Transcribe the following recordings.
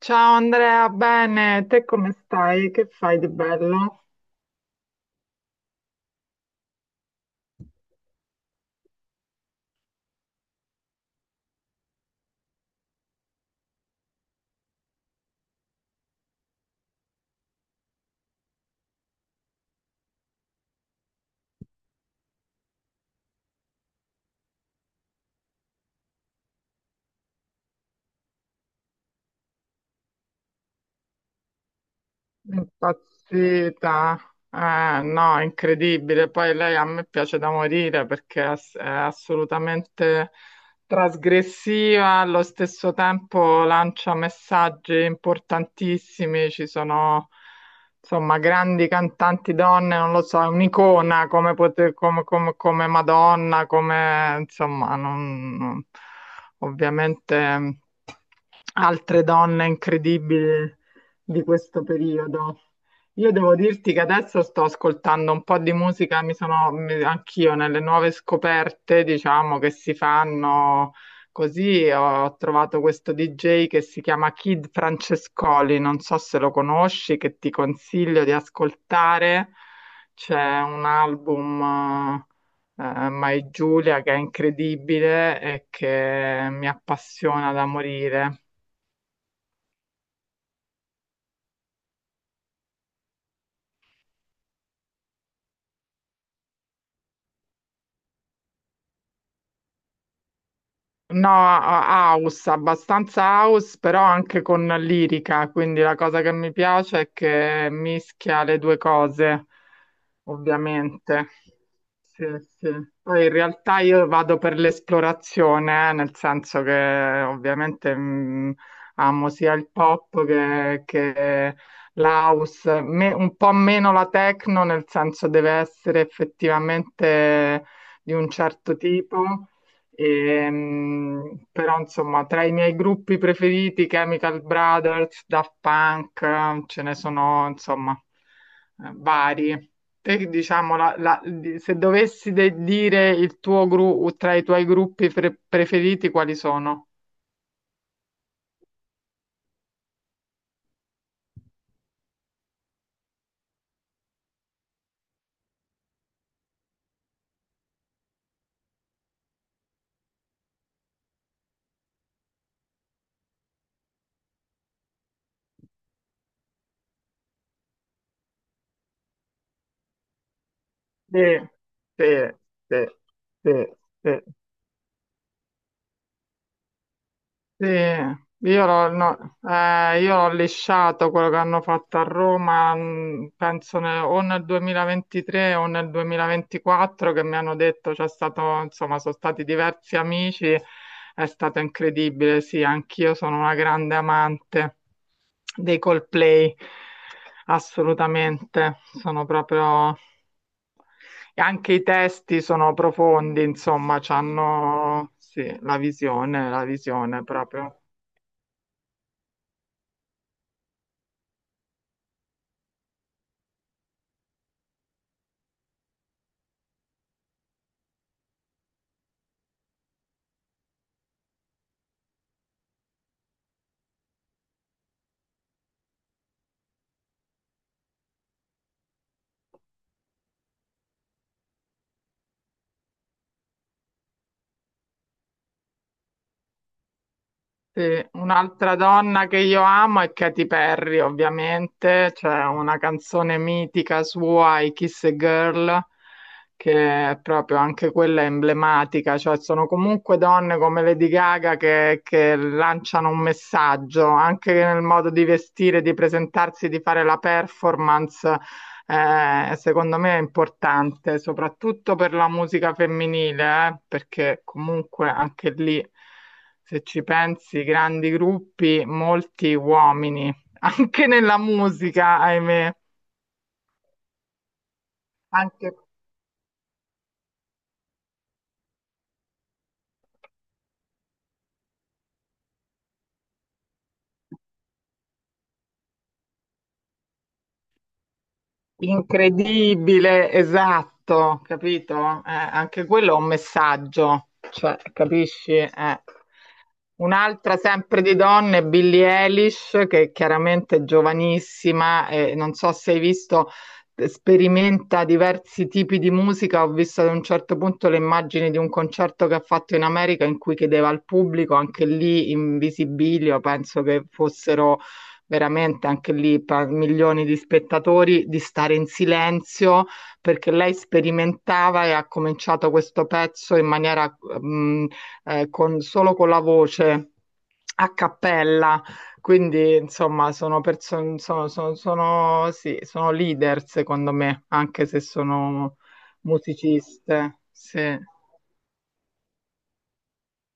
Ciao Andrea, bene, te come stai? Che fai di bello? Impazzita, no, incredibile. Poi lei a me piace da morire perché è assolutamente trasgressiva, allo stesso tempo lancia messaggi importantissimi. Ci sono, insomma, grandi cantanti donne, non lo so, è un'icona come Madonna, come, insomma, non, non- ovviamente altre donne incredibili di questo periodo. Io devo dirti che adesso sto ascoltando un po' di musica, anch'io nelle nuove scoperte, diciamo, che si fanno così. Ho trovato questo DJ che si chiama Kid Francescoli, non so se lo conosci, che ti consiglio di ascoltare. C'è un album, My Giulia, che è incredibile e che mi appassiona da morire. No, a- House, abbastanza house, però anche con lirica, quindi la cosa che mi piace è che mischia le due cose, ovviamente. Sì, sì. Poi in realtà io vado per l'esplorazione, nel senso che ovviamente amo sia il pop che l'house. Un po' meno la techno, nel senso deve essere effettivamente di un certo tipo. Però insomma, tra i miei gruppi preferiti, Chemical Brothers, Daft Punk, ce ne sono insomma vari. Te, diciamo, se dire il tuo gruppo tra i tuoi gruppi preferiti, quali sono? Sì, sì, sì, sì, sì. Sì, io l'ho no, io l'ho lisciato quello che hanno fatto a Roma, penso o nel 2023 o nel 2024, che mi hanno detto c'è stato, insomma, sono stati diversi amici, è stato incredibile, sì, anch'io sono una grande amante dei Coldplay, assolutamente, sono proprio... E anche i testi sono profondi, insomma, hanno, sì, la visione proprio. Sì, un'altra donna che io amo è Katy Perry, ovviamente, c'è una canzone mitica sua, I Kiss a Girl, che è proprio anche quella emblematica, cioè sono comunque donne come Lady Gaga che lanciano un messaggio, anche nel modo di vestire, di presentarsi, di fare la performance, secondo me è importante, soprattutto per la musica femminile, perché comunque anche lì se ci pensi, grandi gruppi, molti uomini, anche nella musica, ahimè, anche Incredibile, esatto, capito? Anche quello è un messaggio, cioè, capisci? Un'altra sempre di donne, Billie Eilish, che chiaramente è giovanissima e non so se hai visto, sperimenta diversi tipi di musica. Ho visto ad un certo punto le immagini di un concerto che ha fatto in America in cui chiedeva al pubblico, anche lì in visibilio, penso che fossero veramente anche lì per milioni di spettatori, di stare in silenzio perché lei sperimentava e ha cominciato questo pezzo in maniera con, solo con la voce a cappella. Quindi, insomma, sono, perso- sono, sono, sono- sì, sono leader, secondo me, anche se sono musiciste. Sì.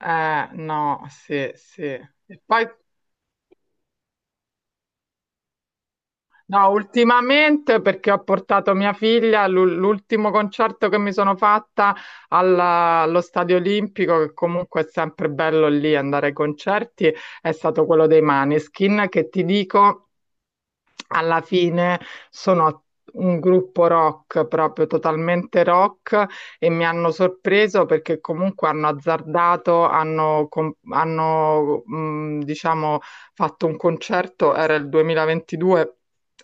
No, sì, sì. E poi no, ultimamente perché ho portato mia figlia, l'ultimo concerto che mi sono fatta allo Stadio Olimpico, che comunque è sempre bello lì andare ai concerti, è stato quello dei Maneskin, che ti dico alla fine sono un gruppo rock, proprio totalmente rock, e mi hanno sorpreso perché comunque hanno azzardato, hanno, com- hanno diciamo, fatto un concerto, era il 2022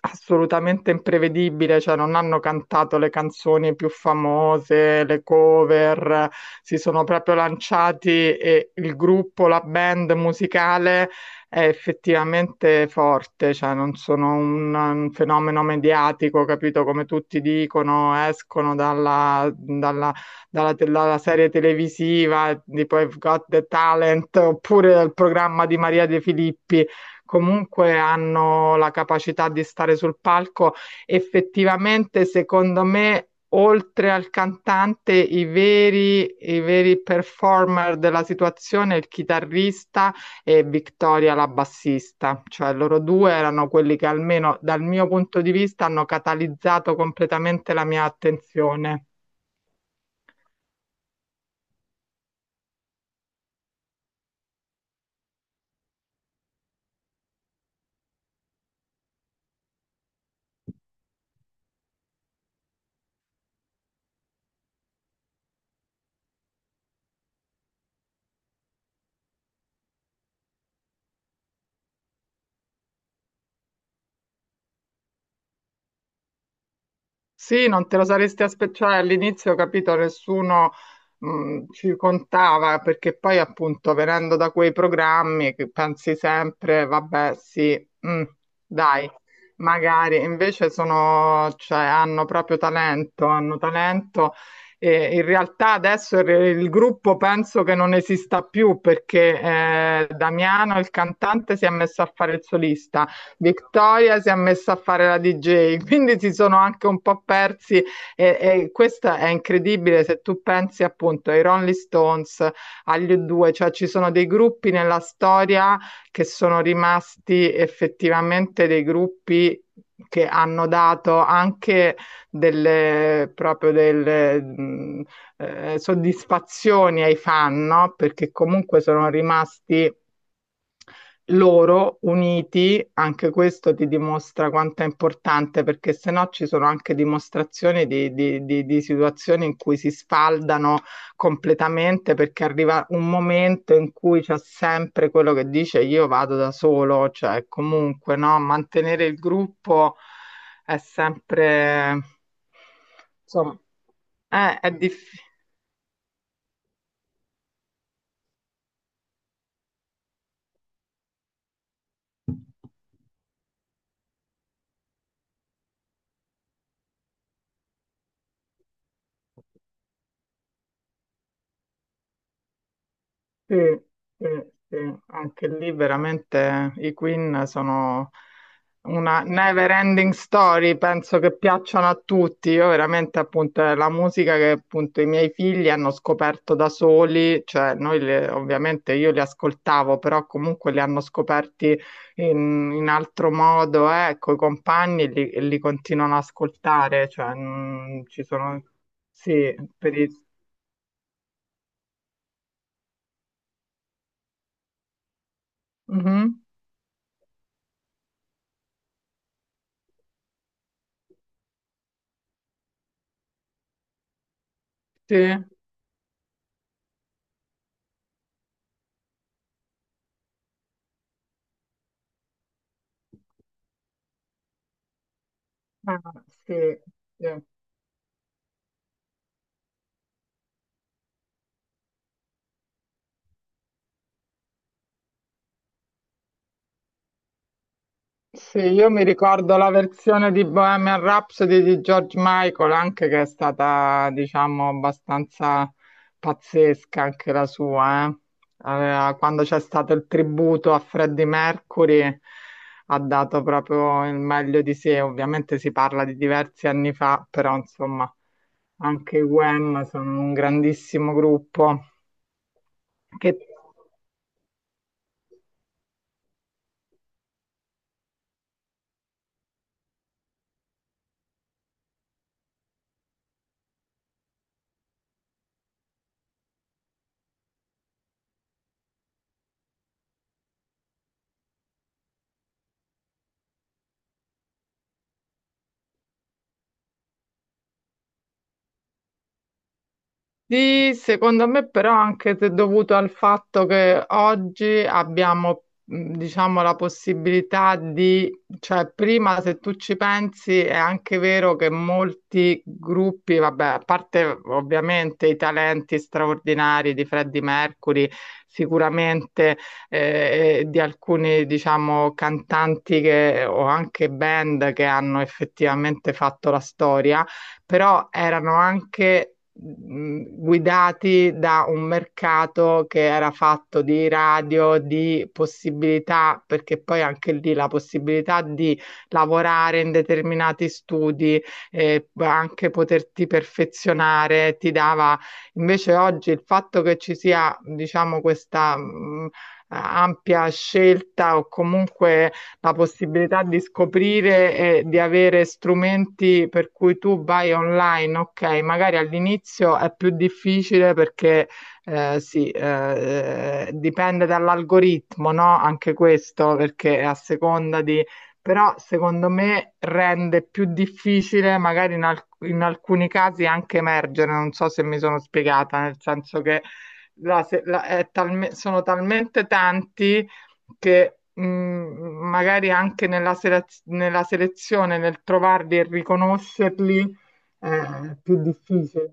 assolutamente imprevedibile, cioè non hanno cantato le canzoni più famose, le cover, si sono proprio lanciati e il gruppo, la band musicale è effettivamente forte, cioè non sono un fenomeno mediatico, capito? Come tutti dicono, escono dalla serie televisiva tipo I've Got the Talent oppure dal programma di Maria De Filippi. Comunque hanno la capacità di stare sul palco. Effettivamente, secondo me, oltre al cantante, i veri performer della situazione, il chitarrista e Victoria la bassista, cioè loro due erano quelli che almeno dal mio punto di vista hanno catalizzato completamente la mia attenzione. Sì, non te lo saresti aspettato, cioè, all'inizio, capito, nessuno ci contava perché poi appunto venendo da quei programmi che pensi sempre, vabbè, sì, mm, dai, magari, invece sono, cioè, hanno proprio talento, hanno talento e in realtà adesso il gruppo penso che non esista più perché Damiano, il cantante, si è messo a fare il solista. Victoria si è messa a fare la DJ, quindi si sono anche un po' persi e questa è incredibile se tu pensi appunto ai Rolling Stones, agli U2, cioè ci sono dei gruppi nella storia che sono rimasti effettivamente dei gruppi che hanno dato anche delle proprio delle soddisfazioni ai fan, no? Perché comunque sono rimasti loro uniti, anche questo ti dimostra quanto è importante, perché se no ci sono anche dimostrazioni di situazioni in cui si sfaldano completamente, perché arriva un momento in cui c'è sempre quello che dice io vado da solo, cioè comunque no, mantenere il gruppo è sempre, insomma, è difficile. Sì, sì, sì, anche lì veramente i Queen sono una never ending story, penso che piacciono a tutti. Io veramente appunto è la musica che appunto i miei figli hanno scoperto da soli, cioè ovviamente io li ascoltavo, però comunque li hanno scoperti in altro modo, coi compagni e li continuano ad ascoltare, cioè ci sono sì, per i... Mhm, sì. Ah, sì, sì. Sì, io mi ricordo la versione di Bohemian Rhapsody di George Michael, anche che è stata, diciamo, abbastanza pazzesca anche la sua, eh. Quando c'è stato il tributo a Freddie Mercury, ha dato proprio il meglio di sé. Ovviamente si parla di diversi anni fa, però insomma, anche i Wham sono un grandissimo gruppo che sì, secondo me però anche se dovuto al fatto che oggi abbiamo, diciamo, la possibilità di, cioè prima se tu ci pensi è anche vero che molti gruppi, vabbè, a parte ovviamente i talenti straordinari di Freddie Mercury, sicuramente e di alcuni, diciamo, cantanti che, o anche band che hanno effettivamente fatto la storia però erano anche guidati da un mercato che era fatto di radio, di possibilità, perché poi anche lì la possibilità di lavorare in determinati studi, e anche poterti perfezionare, ti dava invece oggi il fatto che ci sia, diciamo, questa ampia scelta o comunque la possibilità di scoprire e di avere strumenti per cui tu vai online, ok, magari all'inizio è più difficile perché eh, sì, eh, dipende dall'algoritmo, no? Anche questo, perché a seconda di... Però secondo me rende più difficile magari in alcuni casi anche emergere, non so se mi sono spiegata, nel senso che sono talmente tanti che magari anche nella selezione, nel trovarli e riconoscerli, eh, è più difficile.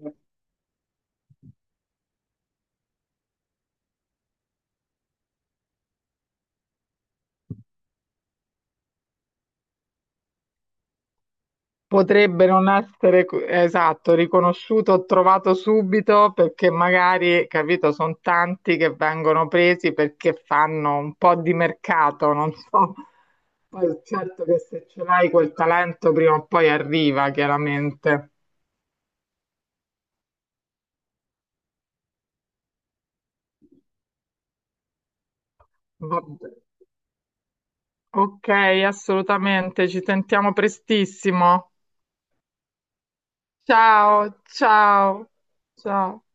Potrebbe non essere esatto, riconosciuto o trovato subito perché magari, capito, sono tanti che vengono presi perché fanno un po' di mercato, non so. Poi certo che se ce l'hai quel talento prima o poi arriva, chiaramente. Vabbè. Ok, assolutamente, ci sentiamo prestissimo. Ciao, ciao, ciao.